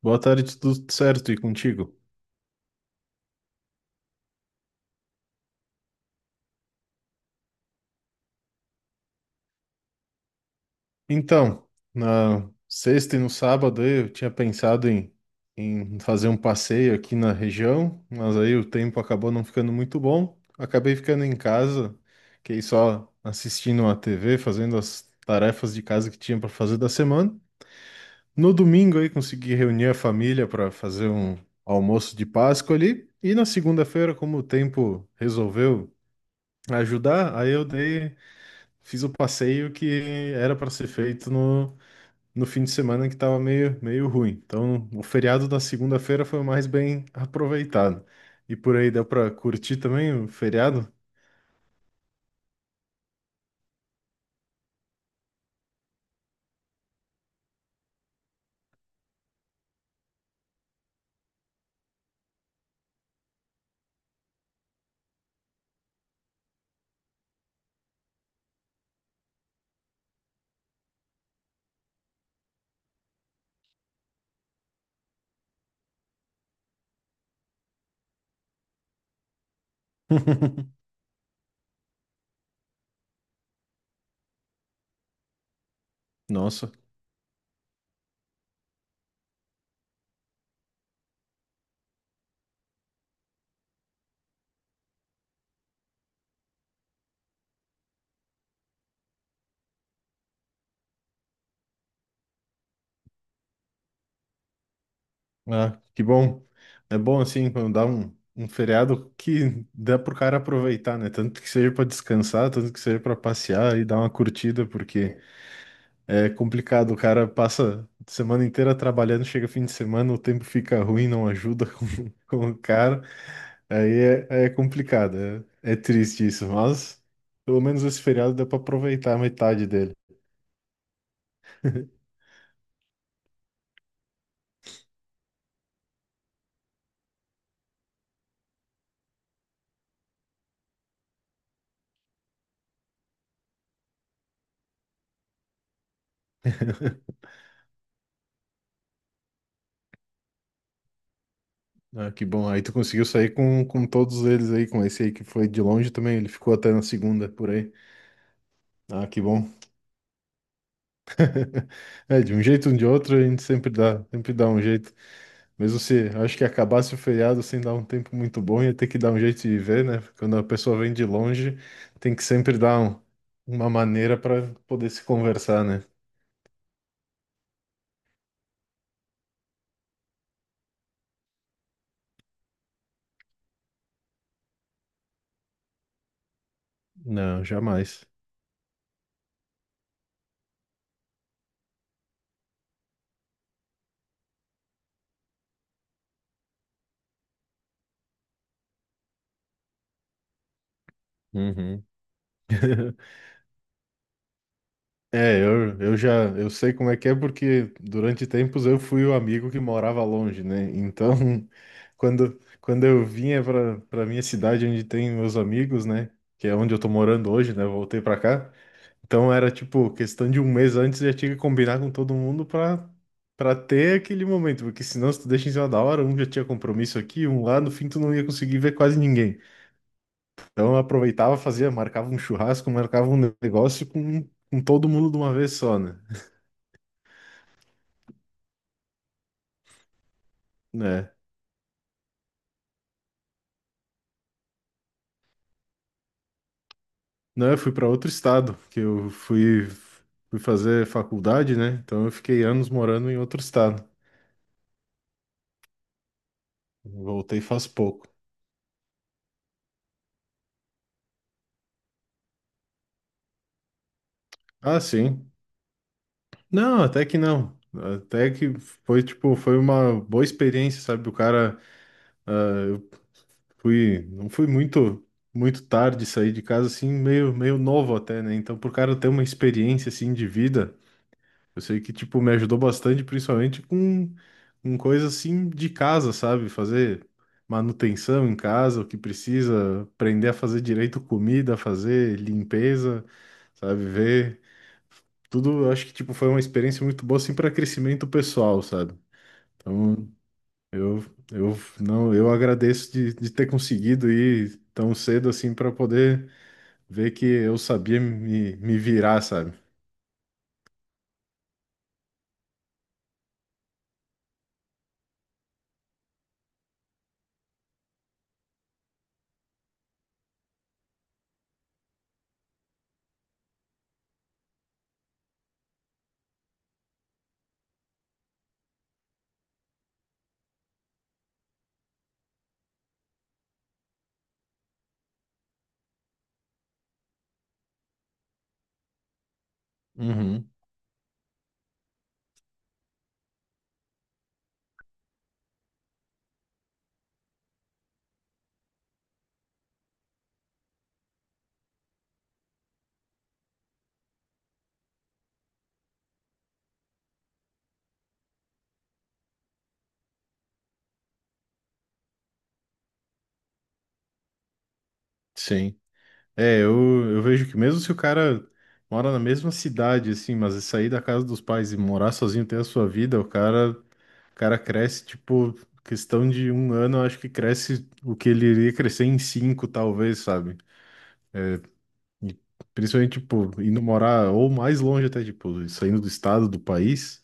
Boa tarde, tudo certo e contigo? Então, na sexta e no sábado aí eu tinha pensado em fazer um passeio aqui na região, mas aí o tempo acabou não ficando muito bom. Acabei ficando em casa, fiquei só assistindo a TV, fazendo as tarefas de casa que tinha para fazer da semana. No domingo aí consegui reunir a família para fazer um almoço de Páscoa ali. E na segunda-feira, como o tempo resolveu ajudar, aí eu dei fiz o passeio que era para ser feito no fim de semana que estava meio ruim. Então, o feriado da segunda-feira foi o mais bem aproveitado. E por aí deu para curtir também o feriado? Nossa, ah, que bom. É bom assim quando dá um feriado que dá pro cara aproveitar, né? Tanto que seja para descansar, tanto que seja para passear e dar uma curtida, porque é complicado, o cara passa a semana inteira trabalhando, chega fim de semana, o tempo fica ruim, não ajuda com o cara. Aí aí é complicado, é triste isso, mas pelo menos esse feriado deu pra aproveitar a metade dele. Ah, que bom, aí tu conseguiu sair com todos eles aí, com esse aí que foi de longe também, ele ficou até na segunda por aí. Ah, que bom. É, de um jeito ou de outro, a gente sempre dá um jeito. Mesmo se, acho que acabasse o feriado sem dar um tempo muito bom, ia ter que dar um jeito de viver, né? Quando a pessoa vem de longe, tem que sempre dar uma maneira para poder se conversar, né? Não, jamais. Uhum. É, eu já eu sei como é que é porque durante tempos eu fui o amigo que morava longe, né? Então, quando eu vinha para minha cidade onde tem meus amigos, né? Que é onde eu tô morando hoje, né? eu Voltei para cá. Então era tipo questão de um mês antes eu já tinha que combinar com todo mundo para para ter aquele momento, porque senão se tu deixa em cima da hora, um já tinha compromisso aqui, um lá, no fim tu não ia conseguir ver quase ninguém. Então eu aproveitava, fazia, marcava um churrasco, marcava um negócio com todo mundo de uma vez só, né? né? Não, eu fui para outro estado, fui fazer faculdade, né? Então eu fiquei anos morando em outro estado. Voltei faz pouco. Ah, sim. Não, até que não. Até que foi uma boa experiência, sabe? O cara fui, não fui muito muito tarde sair de casa assim, meio novo até, né? Então pro cara ter uma experiência assim de vida eu sei que, tipo, me ajudou bastante, principalmente com coisa assim de casa, sabe? Fazer manutenção em casa, o que precisa, aprender a fazer direito comida, fazer limpeza, sabe? Ver tudo, eu acho que, tipo, foi uma experiência muito boa, assim, para crescimento pessoal, sabe? Então, eu, não, eu agradeço de ter conseguido ir tão cedo, assim, para poder ver que eu sabia me virar, sabe? Uhum, sim. É, eu vejo que mesmo se o cara mora na mesma cidade, assim, mas sair da casa dos pais e morar sozinho, ter a sua vida, o cara cresce, tipo, questão de um ano, eu acho que cresce o que ele iria crescer em cinco, talvez, sabe? E principalmente, tipo, indo morar ou mais longe até, tipo, saindo do estado, do país,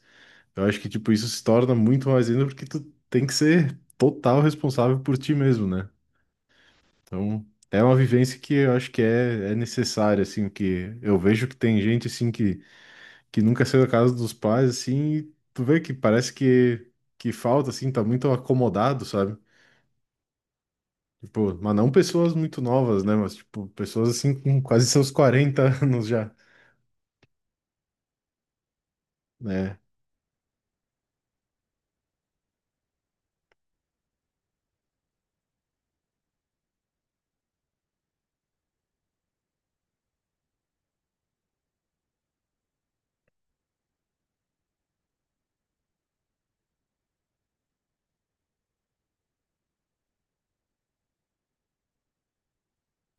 eu acho que, tipo, isso se torna muito mais ainda porque tu tem que ser total responsável por ti mesmo, né? Então, é uma vivência que eu acho que é necessária, assim, que eu vejo que tem gente, assim, que nunca saiu da casa dos pais, assim, e tu vê que parece que falta, assim, tá muito acomodado, sabe? Tipo, mas não pessoas muito novas, né? Mas, tipo, pessoas, assim, com quase seus 40 anos já, né?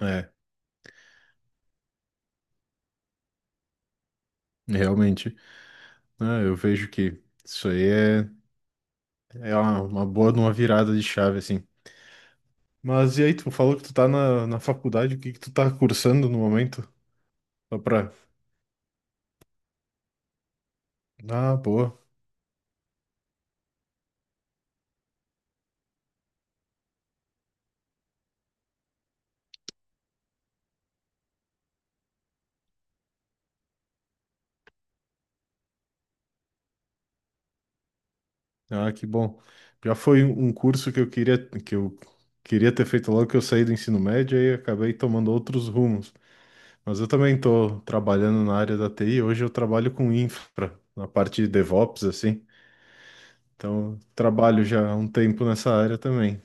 É, realmente. Ah, eu vejo que isso aí é, é uma boa de uma virada de chave, assim. Mas e aí, tu falou que tu tá na faculdade, o que que tu tá cursando no momento? Só pra... Ah, boa. Ah, que bom. Já foi um curso que eu queria queria ter feito logo que eu saí do ensino médio e acabei tomando outros rumos. Mas eu também estou trabalhando na área da TI. Hoje eu trabalho com infra, na parte de DevOps, assim. Então, trabalho já há um tempo nessa área também.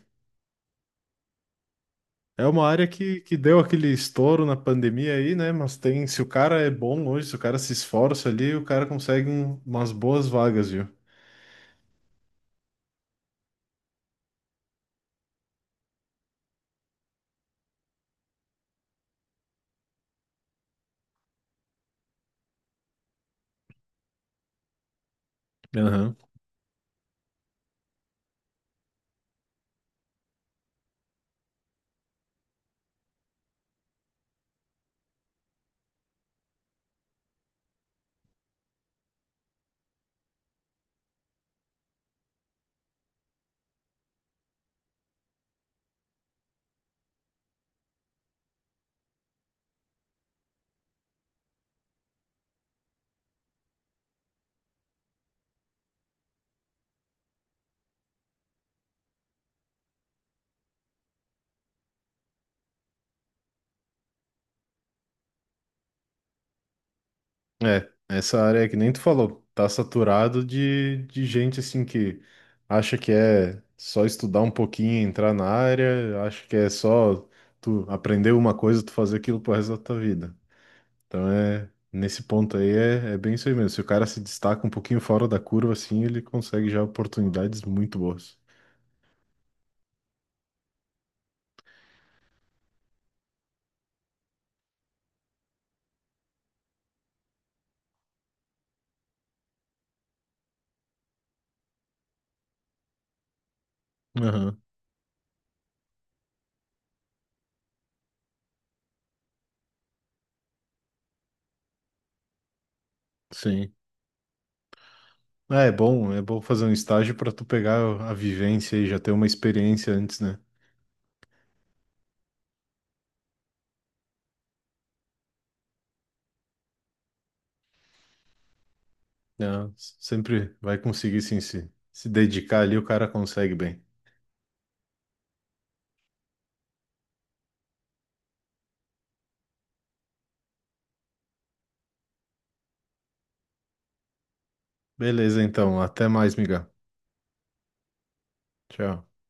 É uma área que deu aquele estouro na pandemia aí, né? Mas tem, se o cara é bom hoje, se o cara se esforça ali, o cara consegue umas boas vagas, viu? É, essa área que nem tu falou, tá saturado de gente assim que acha que é só estudar um pouquinho, e entrar na área, acha que é só tu aprender uma coisa, tu fazer aquilo pro resto da tua vida. Então é, nesse ponto aí é, é bem isso aí mesmo. Se o cara se destaca um pouquinho fora da curva, assim, ele consegue já oportunidades muito boas. Aham, sim. É, é bom fazer um estágio pra tu pegar a vivência e já ter uma experiência antes, né? Não, sempre vai conseguir sim se dedicar ali, o cara consegue bem. Beleza, então. Até mais, miga. Tchau.